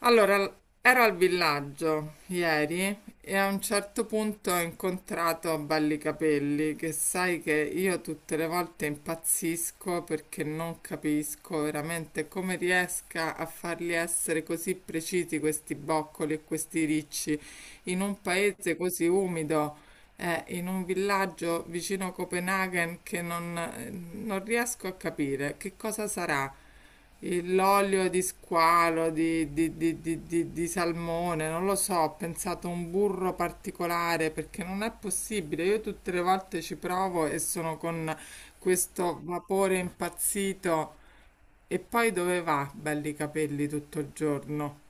Allora, ero al villaggio ieri e a un certo punto ho incontrato Ballicapelli, che sai che io tutte le volte impazzisco perché non capisco veramente come riesca a farli essere così precisi questi boccoli e questi ricci in un paese così umido. In un villaggio vicino a Copenaghen che non non riesco a capire che cosa sarà l'olio di squalo, di salmone, non lo so, ho pensato a un burro particolare perché non è possibile. Io tutte le volte ci provo e sono con questo vapore impazzito. E poi dove va? Belli capelli tutto il giorno.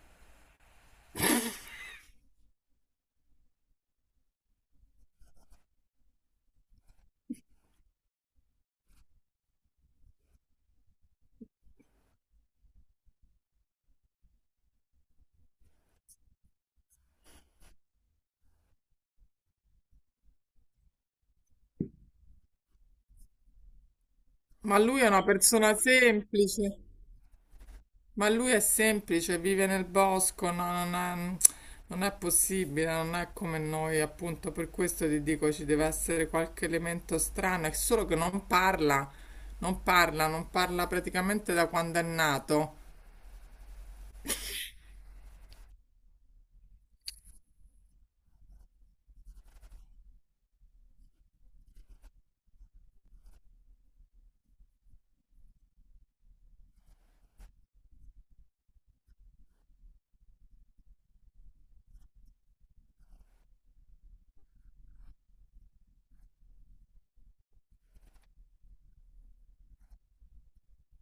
Ma lui è una persona semplice. Ma lui è semplice, vive nel bosco, non è, non è possibile, non è come noi, appunto, per questo ti dico ci deve essere qualche elemento strano, è solo che non parla, non parla, non parla praticamente da quando è nato.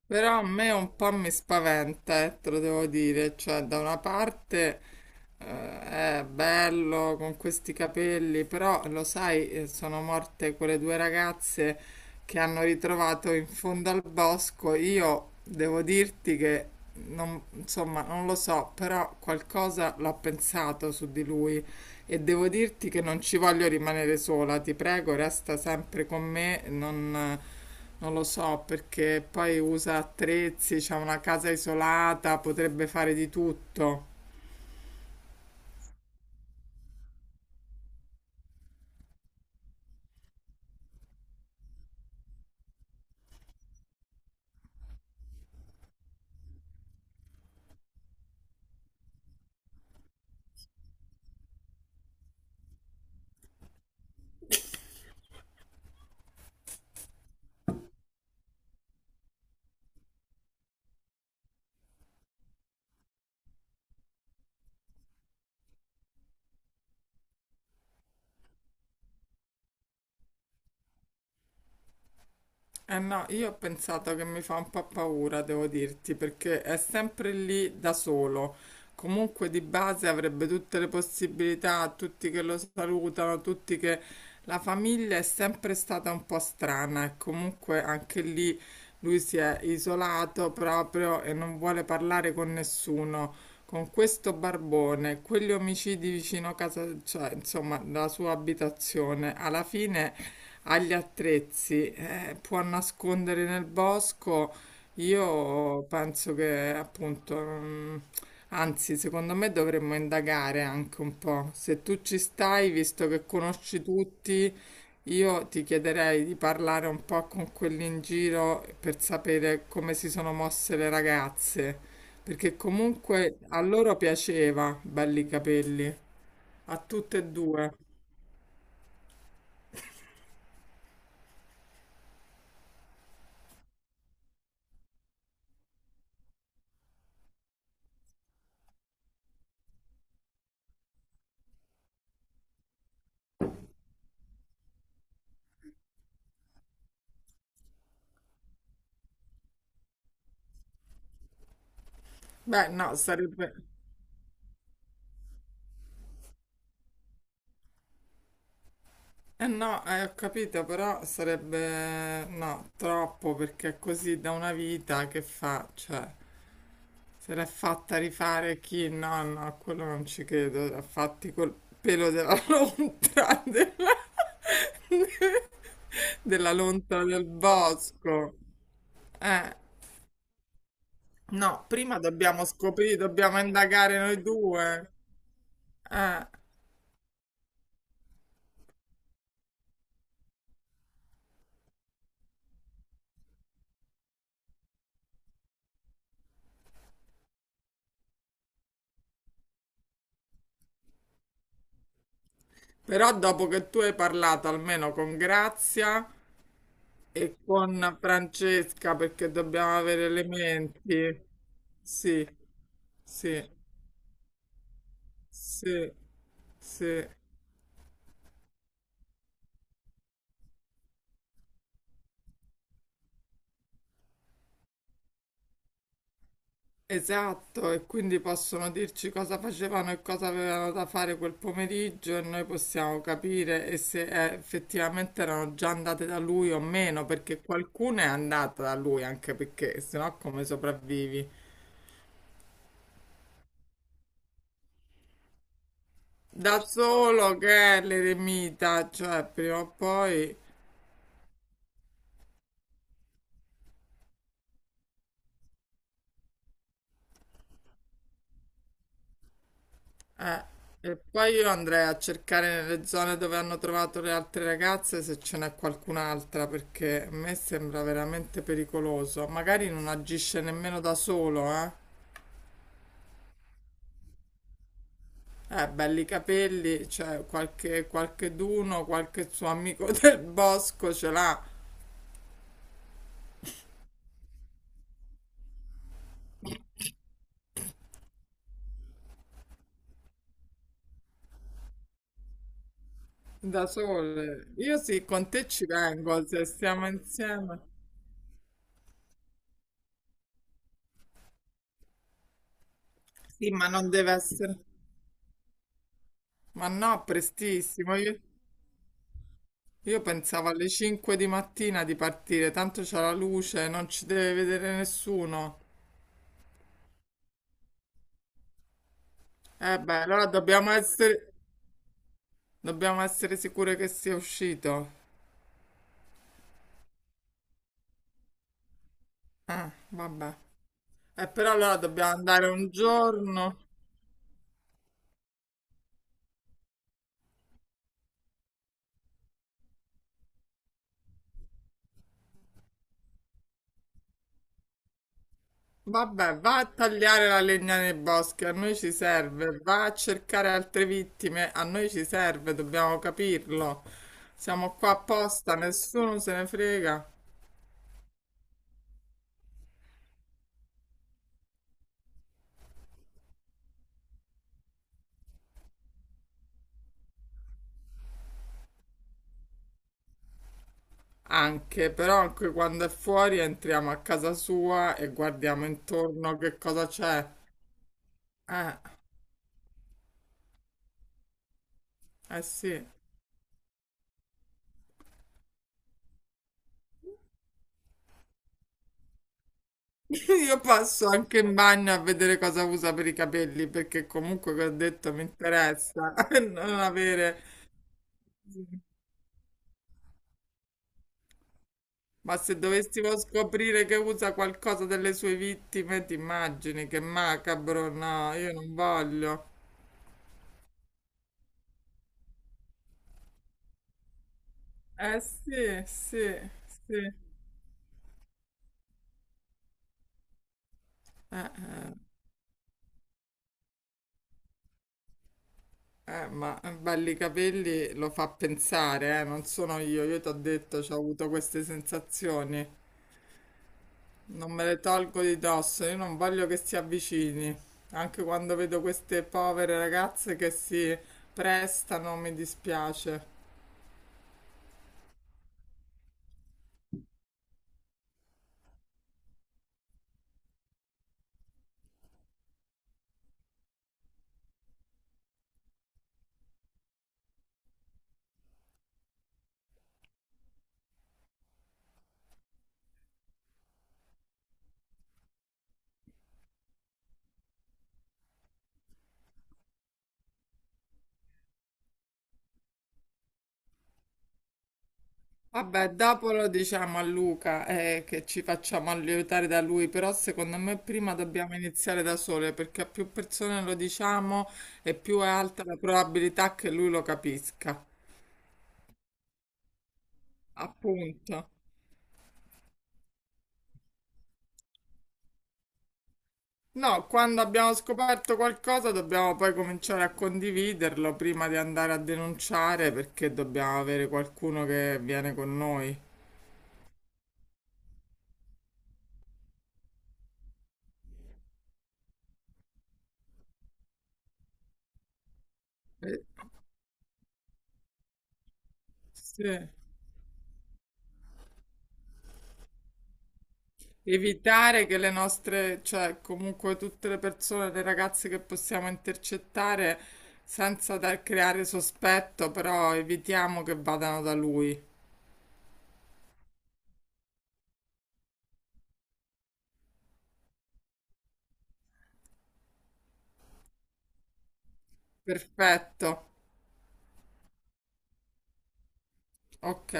Però a me un po' mi spaventa, te lo devo dire, cioè da una parte eh, è bello con questi capelli, però lo sai, sono morte quelle due ragazze che hanno ritrovato in fondo al bosco. Io devo dirti che, non, insomma, non lo so, però qualcosa l'ho pensato su di lui e devo dirti che non ci voglio rimanere sola, ti prego, resta sempre con me, non... Non lo so, perché poi usa attrezzi, c'ha una casa isolata, potrebbe fare di tutto. Eh no, io ho pensato che mi fa un po' paura, devo dirti, perché è sempre lì da solo. Comunque di base avrebbe tutte le possibilità, tutti che lo salutano, tutti che... La famiglia è sempre stata un po' strana e comunque anche lì lui si è isolato proprio e non vuole parlare con nessuno. Con questo barbone, quegli omicidi vicino a casa, cioè insomma, la sua abitazione, alla fine agli attrezzi, può nascondere nel bosco. Io penso che appunto, anzi, secondo me dovremmo indagare anche un po'. Se tu ci stai, visto che conosci tutti, io ti chiederei di parlare un po' con quelli in giro per sapere come si sono mosse le ragazze, perché comunque a loro piaceva, belli capelli, a tutte e due. Beh, no, sarebbe... Eh no, ho capito, però sarebbe no, troppo perché è così da una vita che fa, cioè, se l'è fatta rifare chi? No, no, a quello non ci credo, l'ha fatti col pelo della lontra, della, della lontra del bosco. Eh, no, prima dobbiamo scoprire, dobbiamo indagare noi due. Eh, però dopo che tu hai parlato almeno con Grazia. E con Francesca perché dobbiamo avere elementi. Sì, sì, sì, sì, esatto. E quindi possono dirci cosa facevano e cosa avevano da fare quel pomeriggio e noi possiamo capire e se effettivamente erano già andate da lui o meno, perché qualcuno è andata da lui anche perché sennò come sopravvivi? Da solo che è l'eremita, cioè prima o poi. Eh, e poi io andrei a cercare nelle zone dove hanno trovato le altre ragazze se ce n'è qualcun'altra, perché a me sembra veramente pericoloso. Magari non agisce nemmeno da solo, eh. Belli capelli, cioè qualche, qualche d'uno, qualche suo amico del bosco ce l'ha da sole. Io sì, con te ci vengo, se stiamo insieme. Sì, ma non deve essere... Ma no, prestissimo. Io pensavo alle 5 di mattina di partire, tanto c'è la luce, non ci deve vedere nessuno. Eh beh, allora dobbiamo essere sicure che sia uscito. Vabbè. Però allora dobbiamo andare un giorno. Vabbè, va a tagliare la legna nei boschi, a noi ci serve. Va a cercare altre vittime, a noi ci serve, dobbiamo capirlo. Siamo qua apposta, nessuno se ne frega. Anche, però anche quando è fuori entriamo a casa sua e guardiamo intorno che cosa c'è. Eh, eh sì. Io passo anche in bagno a vedere cosa usa per i capelli, perché comunque, come ho detto, mi interessa non avere... Ma se dovessimo scoprire che usa qualcosa delle sue vittime, ti immagini che macabro? No, io non voglio. Eh sì, sì, sì. Ma belli capelli lo fa pensare, non sono io ti ho detto, ho avuto queste sensazioni, non me le tolgo di dosso, io non voglio che si avvicini, anche quando vedo queste povere ragazze che si prestano, mi dispiace. Vabbè, dopo lo diciamo a Luca, che ci facciamo aiutare da lui, però secondo me prima dobbiamo iniziare da sole, perché a più persone lo diciamo e più è alta la probabilità che lui lo capisca. Appunto. No, quando abbiamo scoperto qualcosa dobbiamo poi cominciare a condividerlo prima di andare a denunciare perché dobbiamo avere qualcuno che viene con noi. Eh, sì. Evitare che le nostre, cioè comunque tutte le persone, le ragazze che possiamo intercettare senza creare sospetto, però evitiamo che vadano da lui. Perfetto, ok.